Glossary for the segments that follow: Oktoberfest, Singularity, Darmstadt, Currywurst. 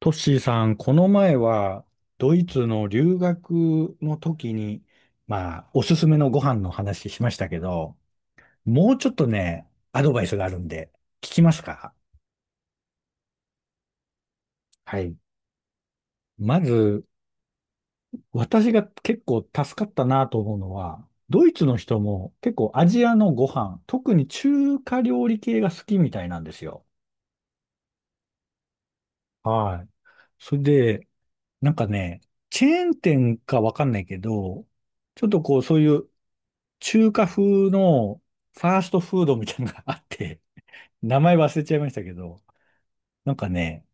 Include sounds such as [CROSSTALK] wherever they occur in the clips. トッシーさん、この前はドイツの留学の時に、おすすめのご飯の話しましたけど、もうちょっとね、アドバイスがあるんで、聞きますか？はい。まず、私が結構助かったなと思うのは、ドイツの人も結構アジアのご飯、特に中華料理系が好きみたいなんですよ。はい。それで、なんかね、チェーン店かわかんないけど、ちょっとこう、そういう中華風のファーストフードみたいなのがあって、名前忘れちゃいましたけど、なんかね、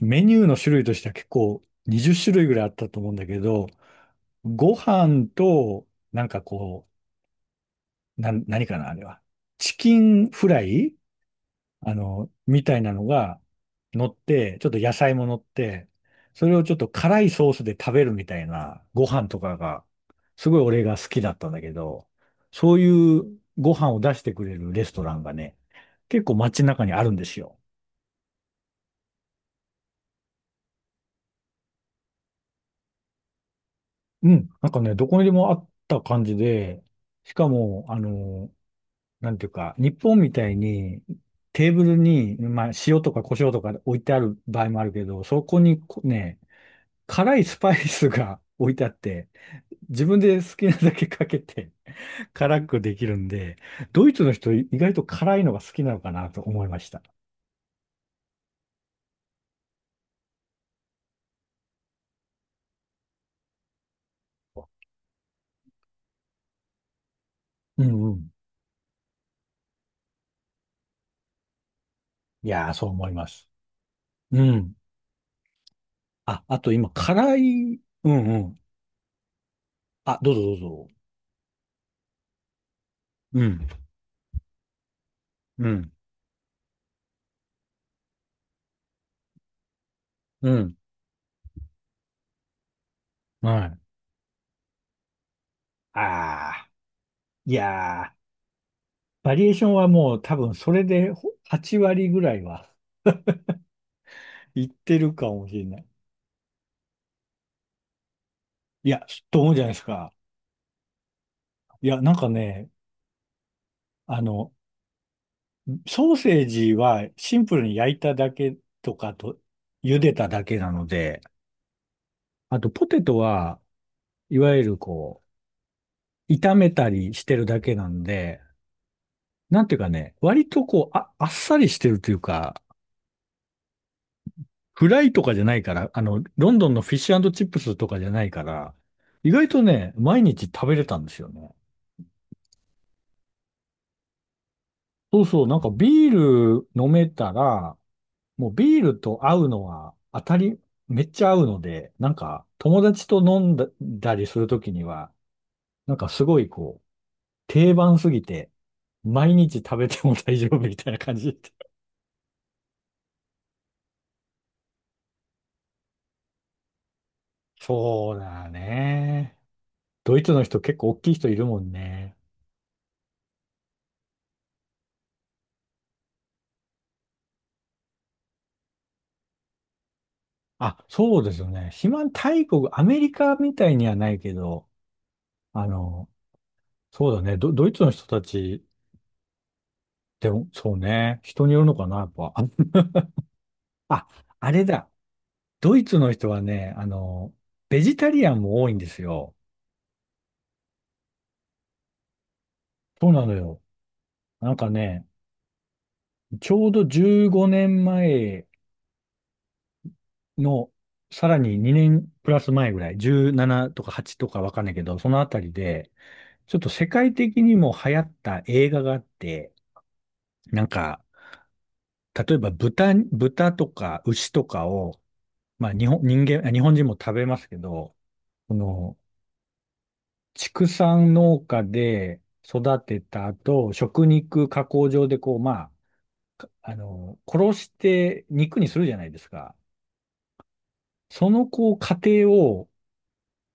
メニューの種類としては結構20種類ぐらいあったと思うんだけど、ご飯と、なんかこう、何かな、あれは。チキンフライみたいなのが乗って、ちょっと野菜も乗って、それをちょっと辛いソースで食べるみたいなご飯とかが、すごい俺が好きだったんだけど、そういうご飯を出してくれるレストランがね、結構街中にあるんですよ。うん。なんかね、どこにでもあった感じで、しかも、なんていうか、日本みたいにテーブルに、まあ、塩とか胡椒とか置いてある場合もあるけど、そこにこね、辛いスパイスが置いてあって、自分で好きなだけかけて辛くできるんで、ドイツの人意外と辛いのが好きなのかなと思いました。うんうん。いやー、そう思います。うん。あ、あと今、辛い、うんうん。あ、どうぞどうぞ。うん、うん、うん。はい。ああ、いやー、バリエーションはもう多分それでほ8割ぐらいは [LAUGHS] いってるかもしれない。いや、と思うじゃないですか。いや、なんかね、あの、ソーセージはシンプルに焼いただけとかと、茹でただけなので、あとポテトはいわゆるこう、炒めたりしてるだけなんで、なんていうかね、割とこう、あっさりしてるというか、フライとかじゃないから、ロンドンのフィッシュチップスとかじゃないから、意外とね、毎日食べれたんですよね。そうそう、なんかビール飲めたら、もうビールと合うのは当たり、めっちゃ合うので、なんか友達と飲んだだりするときには、なんかすごいこう、定番すぎて、毎日食べても大丈夫みたいな感じ。[LAUGHS] そうだね。ドイツの人結構大きい人いるもんね。あ、そうですよね。肥満大国、アメリカみたいにはないけど、あの、そうだね。ドイツの人たち、でも、そうね。人によるのかな、やっぱ。[LAUGHS] あ、ああれだ。ドイツの人はね、ベジタリアンも多いんですよ。そうなのよ。なんかね、ちょうど15年前の、さらに2年プラス前ぐらい、17とか8とかわかんないけど、そのあたりで、ちょっと世界的にも流行った映画があって、なんか、例えば豚とか牛とかを、まあ日本、人間、あ日本人も食べますけど、その、畜産農家で育てた後、食肉加工場でこう、まあ、かあの、殺して肉にするじゃないですか。そのこう、過程を、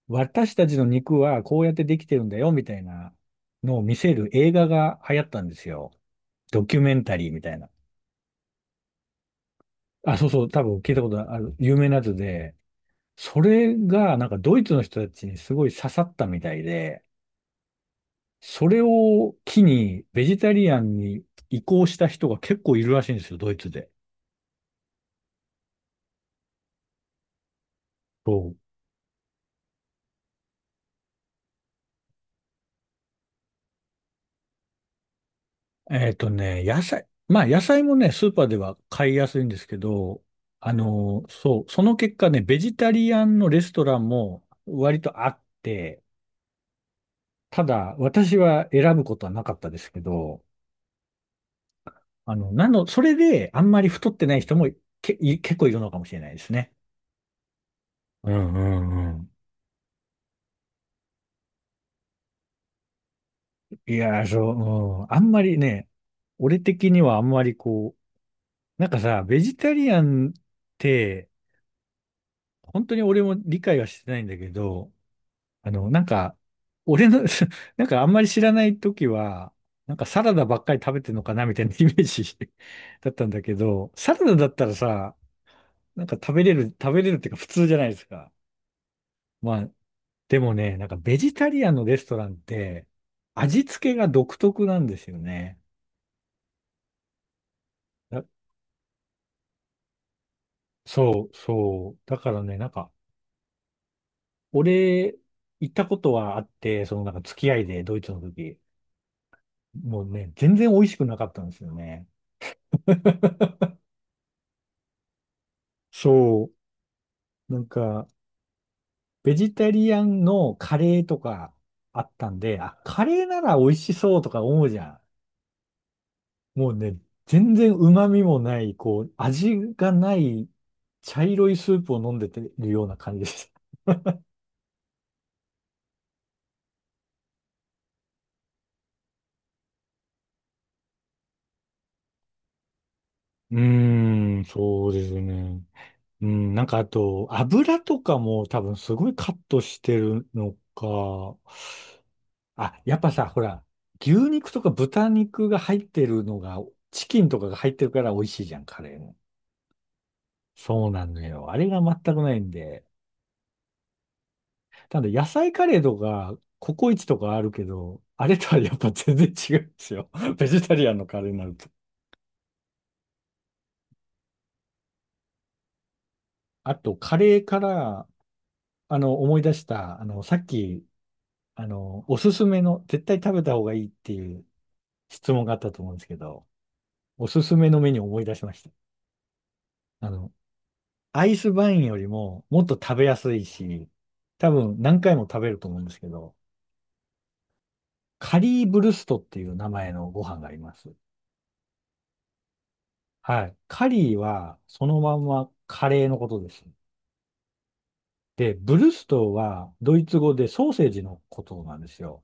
私たちの肉はこうやってできてるんだよ、みたいなのを見せる映画が流行ったんですよ。ドキュメンタリーみたいな。あ、そうそう、多分聞いたことある、有名なやつで、それがなんかドイツの人たちにすごい刺さったみたいで、それを機に、ベジタリアンに移行した人が結構いるらしいんですよ、ドイツで。そう。えっとね、野菜、まあ野菜もね、スーパーでは買いやすいんですけど、そう、その結果ね、ベジタリアンのレストランも割とあって、ただ私は選ぶことはなかったですけど、それであんまり太ってない人も結構いるのかもしれないですね。うんうんうん。いやー、そう、うん。あんまりね、俺的にはあんまりこう、なんかさ、ベジタリアンって、本当に俺も理解はしてないんだけど、なんか、俺の、[LAUGHS] なんかあんまり知らない時は、なんかサラダばっかり食べてるのかなみたいな [LAUGHS] イメージ [LAUGHS] だったんだけど、サラダだったらさ、なんか食べれるっていうか普通じゃないですか。まあ、でもね、なんかベジタリアンのレストランって、味付けが独特なんですよね。そう。だからね、なんか、俺、行ったことはあって、そのなんか付き合いでドイツの時、もうね、全然美味しくなかったんですよね。[LAUGHS] そう。なんか、ベジタリアンのカレーとかあったんで、あ、カレーなら美味しそうとか思うじゃん。もうね、全然旨味もない、こう、味がない茶色いスープを飲んでてるような感じです。うーん、そうですね。うん、なんかあと、油とかも多分すごいカットしてるのか。あ、やっぱさ、ほら、牛肉とか豚肉が入ってるのが、チキンとかが入ってるから美味しいじゃん、カレーも。そうなのよ。あれが全くないんで。ただ野菜カレーとか、ココイチとかあるけど、あれとはやっぱ全然違うんですよ。[LAUGHS] ベジタリアンのカレーになると。あと、カレーから、思い出した、さっき、おすすめの、絶対食べた方がいいっていう、質問があったと思うんですけど、おすすめのメニューを思い出しました。あの、アイスバインよりももっと食べやすいし、多分何回も食べると思うんですけど、カリーブルストっていう名前のご飯があります。はい。カリーはそのまんまカレーのことです。で、ブルストはドイツ語でソーセージのことなんですよ。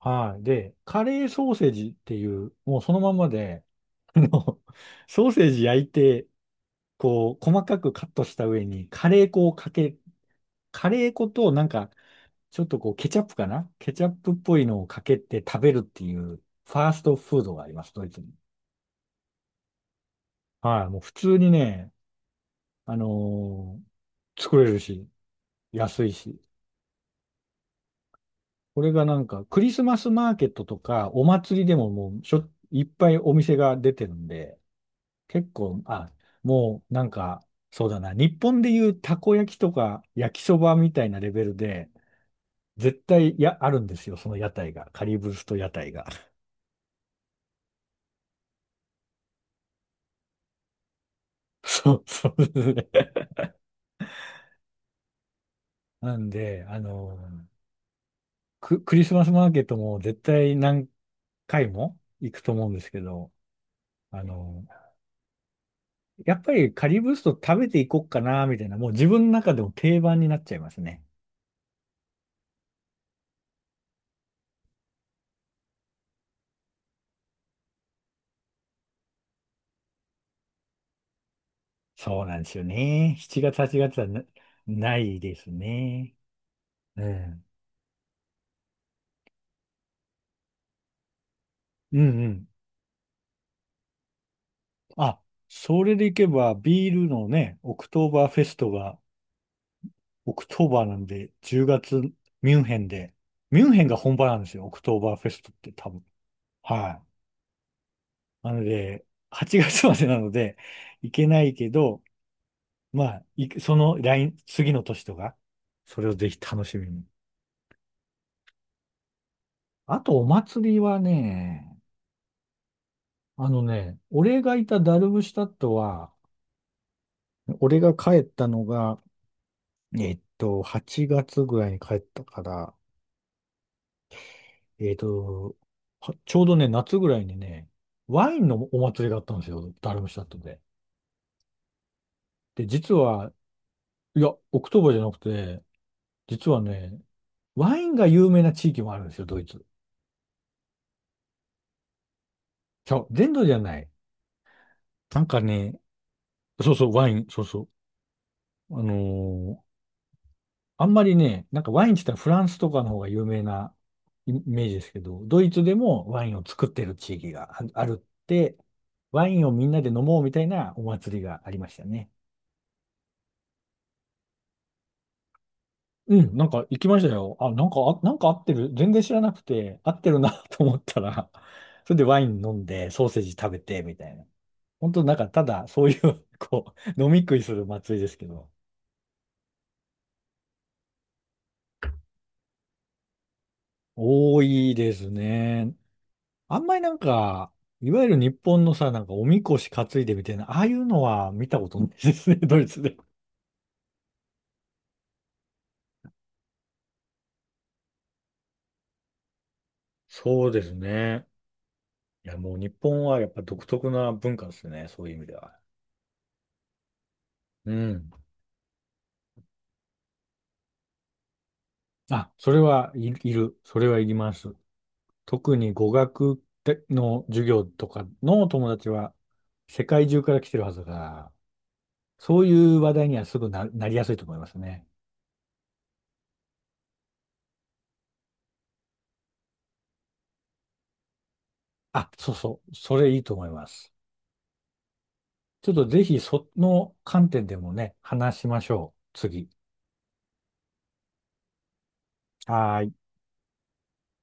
はい。で、カレーソーセージっていう、もうそのまんまで、[LAUGHS] あの、ソーセージ焼いて、こう、細かくカットした上に、カレー粉となんか、ちょっとこう、ケチャップっぽいのをかけて食べるっていう、ファーストフードがあります、ドイツに。はい。もう普通にね、あのー作れるし、安いし。これがなんか、クリスマスマーケットとか、お祭りでももう、しょ、いっぱいお店が出てるんで、結構、あ、もうなんか、そうだな、日本でいうたこ焼きとか焼きそばみたいなレベルで、絶対や、あるんですよ、その屋台が。カリブスト屋台が。[LAUGHS] そうそうですね。なんで、クリスマスマーケットも絶対何回も行くと思うんですけど、あの、やっぱりカリブスト食べていこうかな、みたいな、もう自分の中でも定番になっちゃいますね。そうなんですよね。7月、8月はな、ないですね。うんうんうん。あ、それでいけば、ビールのね、オクトーバーフェストが、オクトーバーなんで、10月、ミュンヘンで、ミュンヘンが本場なんですよ、オクトーバーフェストって多分。はい。なので、8月までなので、行けないけど、まあ、いその来、次の年とか、それをぜひ楽しみに。あと、お祭りはね、あのね、俺がいたダルブシュタットは、俺が帰ったのが、えっと、8月ぐらいに帰ったから、えっと、はちょうどね、夏ぐらいにね、ワインのお祭りがあったんですよ、ダルムシャットで。で、実は、いや、オクトーバーじゃなくて、実はね、ワインが有名な地域もあるんですよ、ドイツ。ちゃう全土じゃない。なんかね、そう、ワイン、そうそう。あのーあんまりね、なんかワインって言ったらフランスとかの方が有名なイイメージですけど、ドイツでもワインを作ってる地域がああるって、ワインをみんなで飲もうみたいなお祭りがありましたね。うん、なんか行きましたよ。あ、なんか、あ、なんか合ってる。全然知らなくて、合ってるな [LAUGHS] と思ったら、それでワイン飲んで、ソーセージ食べて、みたいな。本当なんか、ただ、そういう [LAUGHS] こう、飲み食いする祭りですけど、多いですね。あんまりなんか、いわゆる日本のさ、なんか、おみこし担いでみたいな、ああいうのは見たことないですね、[LAUGHS] ドイツで。そうですね。いや、もう日本はやっぱ独特な文化ですね、そういう意味では。うん。あ、それはい、いる。それはいります。特に語学の授業とかの友達は世界中から来てるはずだから、そういう話題にはすぐな、なりやすいと思いますね。あ、そうそう。それいいと思います。ちょっとぜひその観点でもね、話しましょう。次。はーい。